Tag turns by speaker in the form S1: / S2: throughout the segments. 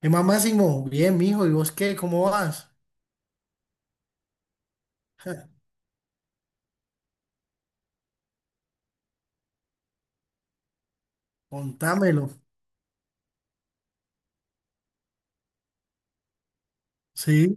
S1: ¿Qué más, Máximo? Bien, mijo. ¿Y vos qué? ¿Cómo vas? Contámelo. Sí.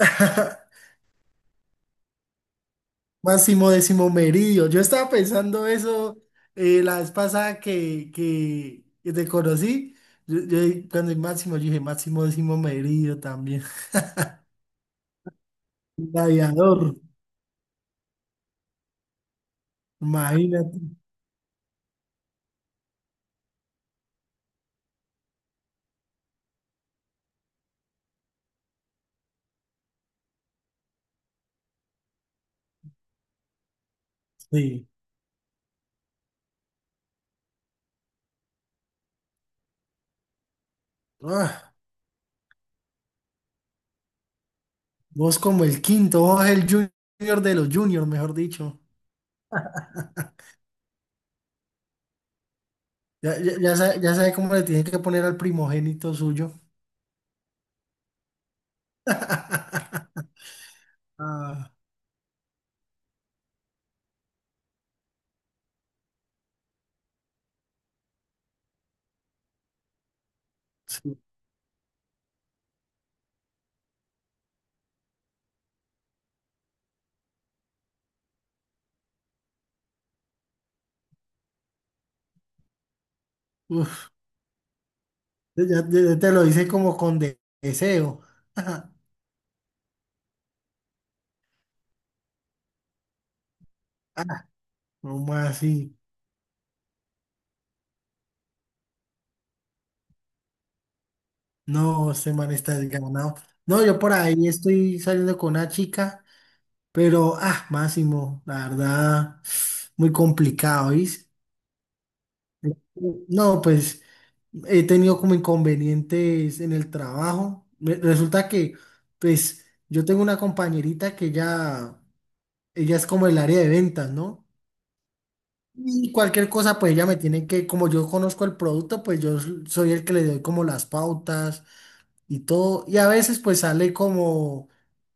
S1: Máximo décimo meridio. Yo estaba pensando eso la vez pasada que te conocí. Cuando el Máximo, yo dije Máximo décimo meridio también. Un Gladiador, imagínate. Sí. Ah, vos como el quinto, vos el junior de los juniors, mejor dicho. Ya sabe, ya sabe cómo le tiene que poner al primogénito suyo. Ah, sí. Uf, ya, ya te lo hice como con deseo. ¿Cómo así? No, este man está desganado. No, yo por ahí estoy saliendo con una chica, pero, ah, Máximo, la verdad, muy complicado, ¿viste? No, pues he tenido como inconvenientes en el trabajo. Resulta que, pues, yo tengo una compañerita que ya, ella es como el área de ventas, ¿no? Y cualquier cosa, pues ella me tiene que, como yo conozco el producto, pues yo soy el que le doy como las pautas y todo. Y a veces pues sale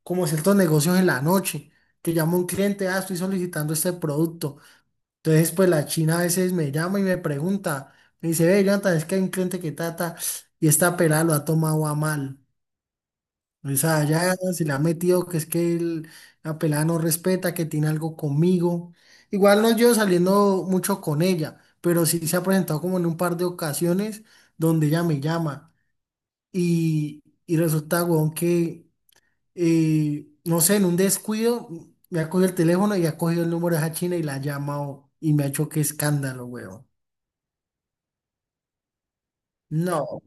S1: como ciertos negocios en la noche, que llama un cliente, ah, estoy solicitando este producto. Entonces pues la china a veces me llama y me pregunta, me dice, ve, Jonathan, es que hay un cliente que trata y esta pelada lo ha tomado a mal. O sea, ya si la ha metido, que es que la pelada no respeta, que tiene algo conmigo. Igual no llevo saliendo mucho con ella, pero sí se ha presentado como en un par de ocasiones donde ella me llama. Y resulta, weón, que, no sé, en un descuido me ha cogido el teléfono y ha cogido el número de esa china y la ha llamado y me ha hecho que escándalo, weón. No,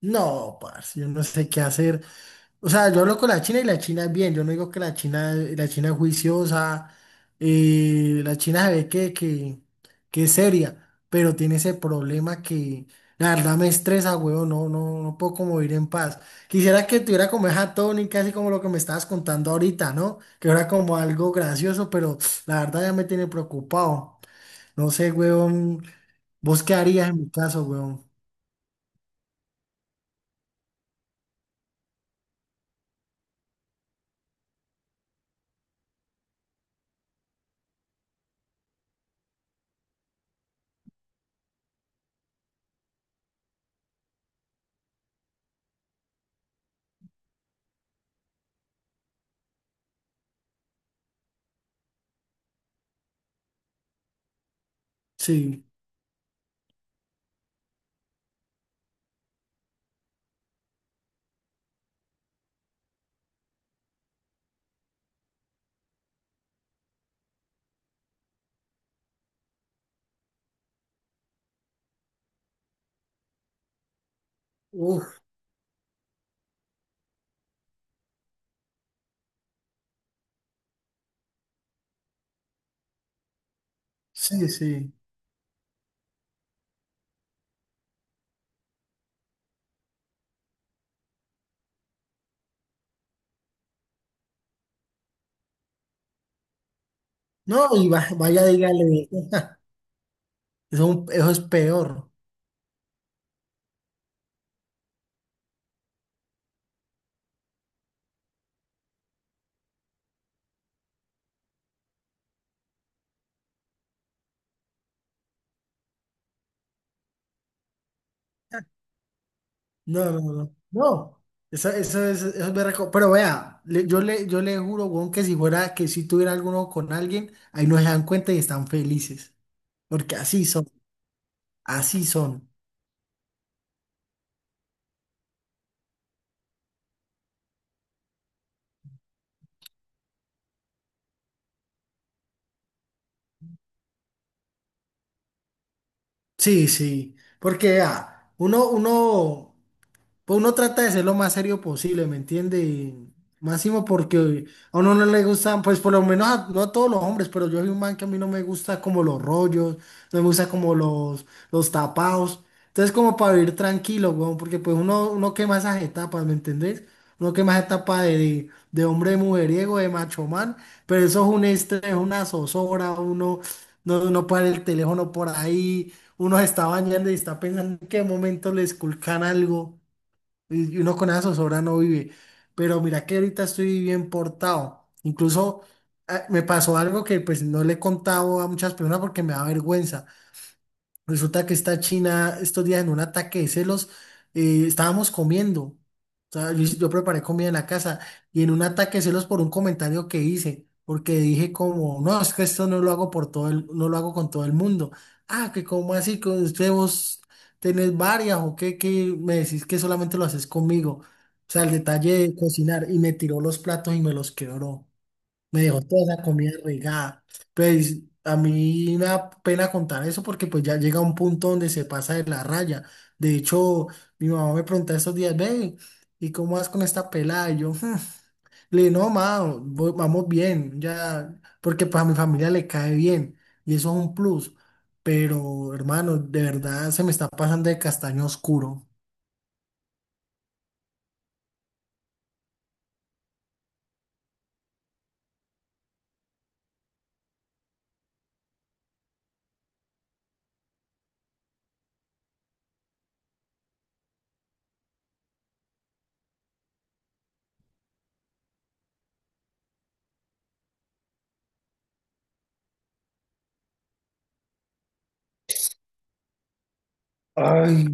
S1: no, parce, yo no sé qué hacer. O sea, yo hablo con la China y la China es bien. Yo no digo que la China es juiciosa, la China se ve que es seria, pero tiene ese problema que la verdad me estresa, huevón. No puedo como vivir en paz. Quisiera que tuviera como esa tónica, así como lo que me estabas contando ahorita, ¿no? Que era como algo gracioso, pero la verdad ya me tiene preocupado. No sé, huevón, ¿vos qué harías en mi caso, huevón? Sí. Uf, sí, sí. No, y vaya, dígale. Eso, es eso es peor. No, no, no. No. Eso es berraco. Pero vea, yo le juro, weón, que si fuera, que si tuviera alguno con alguien, ahí no se dan cuenta y están felices. Porque así son, así son. Sí, sí. Porque vea, uno pues uno trata de ser lo más serio posible, ¿me entiende? Y máximo porque a uno no le gustan, pues por lo menos no a todos los hombres, pero yo soy un man que a mí no me gusta como los rollos, no me gusta como los tapados. Entonces como para vivir tranquilo, weón, porque pues uno quema esas etapas, ¿me entendés? Uno quema esa etapa de hombre mujeriego, de macho man, pero eso es un estrés, una zozobra, uno no para el teléfono por ahí, uno se está bañando y está pensando en qué momento le esculcan algo. Y uno con esa zozobra no vive. Pero mira que ahorita estoy bien portado. Incluso ah, me pasó algo que pues no le he contado a muchas personas porque me da vergüenza. Resulta que esta china, estos días en un ataque de celos, estábamos comiendo. O sea, yo preparé comida en la casa y en un ataque de celos por un comentario que hice, porque dije como, no, es que esto no lo hago por todo el, no lo hago con todo el mundo. Ah, que como así, que usted vos tenés varias o qué, que me decís que solamente lo haces conmigo. O sea, el detalle de cocinar y me tiró los platos y me los quebró. Me dejó toda esa comida regada. Pues a mí me da pena contar eso porque pues ya llega un punto donde se pasa de la raya. De hecho, mi mamá me pregunta estos días, ve, ¿y cómo vas con esta pelada? Y yo, "Hmm". Le dije, no, ma, vamos bien, ya, porque pues a mi familia le cae bien y eso es un plus. Pero, hermano, de verdad se me está pasando de castaño oscuro. Ay,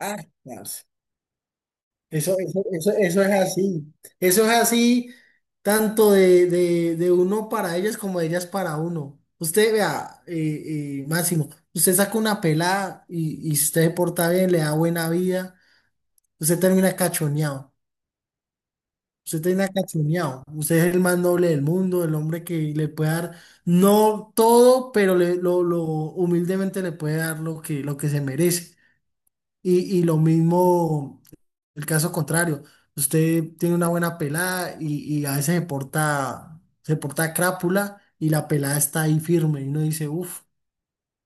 S1: ah, parce. Eso es así. Eso es así tanto de uno para ellas como de ellas para uno. Usted vea, Máximo, usted saca una pelada y si usted se porta bien, le da buena vida, usted termina cachoneado. Usted termina cachoneado. Usted es el más noble del mundo, el hombre que le puede dar, no todo, pero lo humildemente le puede dar lo lo que se merece. Y lo mismo. El caso contrario, usted tiene una buena pelada y a veces se porta crápula y la pelada está ahí firme y uno dice, uff.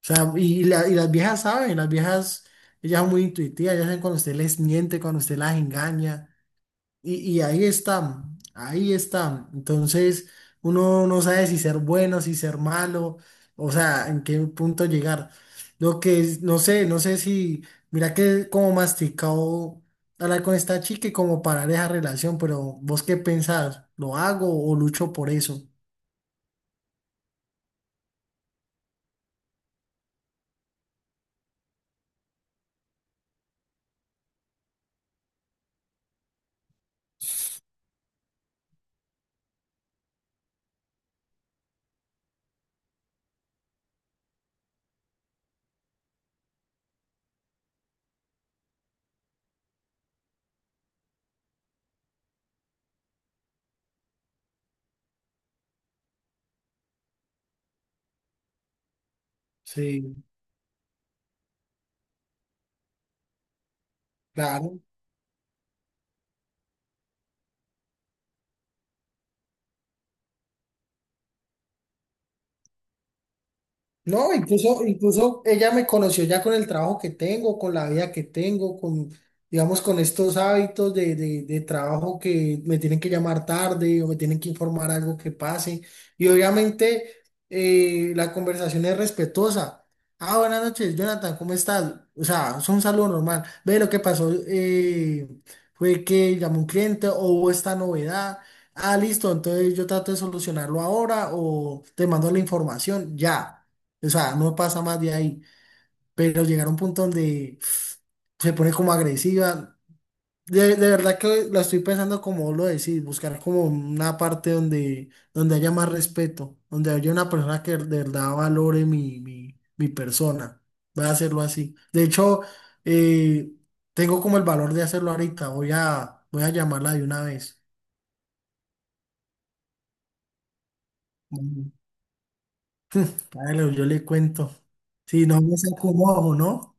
S1: O sea, y las viejas saben, las viejas, ellas son muy intuitivas, ellas saben cuando usted les miente, cuando usted las engaña. Y ahí está, ahí está. Entonces, uno no sabe si ser bueno, si ser malo, o sea, en qué punto llegar. Lo que es, no sé si, mira que como masticado hablar con esta chica y como parar esa relación, pero vos qué pensás, ¿lo hago o lucho por eso? Sí, claro. No, incluso, incluso ella me conoció ya con el trabajo que tengo, con la vida que tengo, con, digamos, con estos hábitos de trabajo que me tienen que llamar tarde o me tienen que informar algo que pase. Y obviamente la conversación es respetuosa. Ah, buenas noches, Jonathan, ¿cómo estás? O sea, es un saludo normal. Ve, lo que pasó fue que llamó un cliente o hubo esta novedad. Ah, listo, entonces yo trato de solucionarlo ahora o te mando la información, ya. O sea, no pasa más de ahí. Pero llegar a un punto donde se pone como agresiva. De verdad que la estoy pensando como vos lo decís, buscar como una parte donde, donde haya más respeto, donde haya una persona que de verdad valore mi persona. Voy a hacerlo así. De hecho, eh, tengo como el valor de hacerlo ahorita. Voy a llamarla de una vez. Mm, claro, yo le cuento. Si no me saco un ojo, ¿no?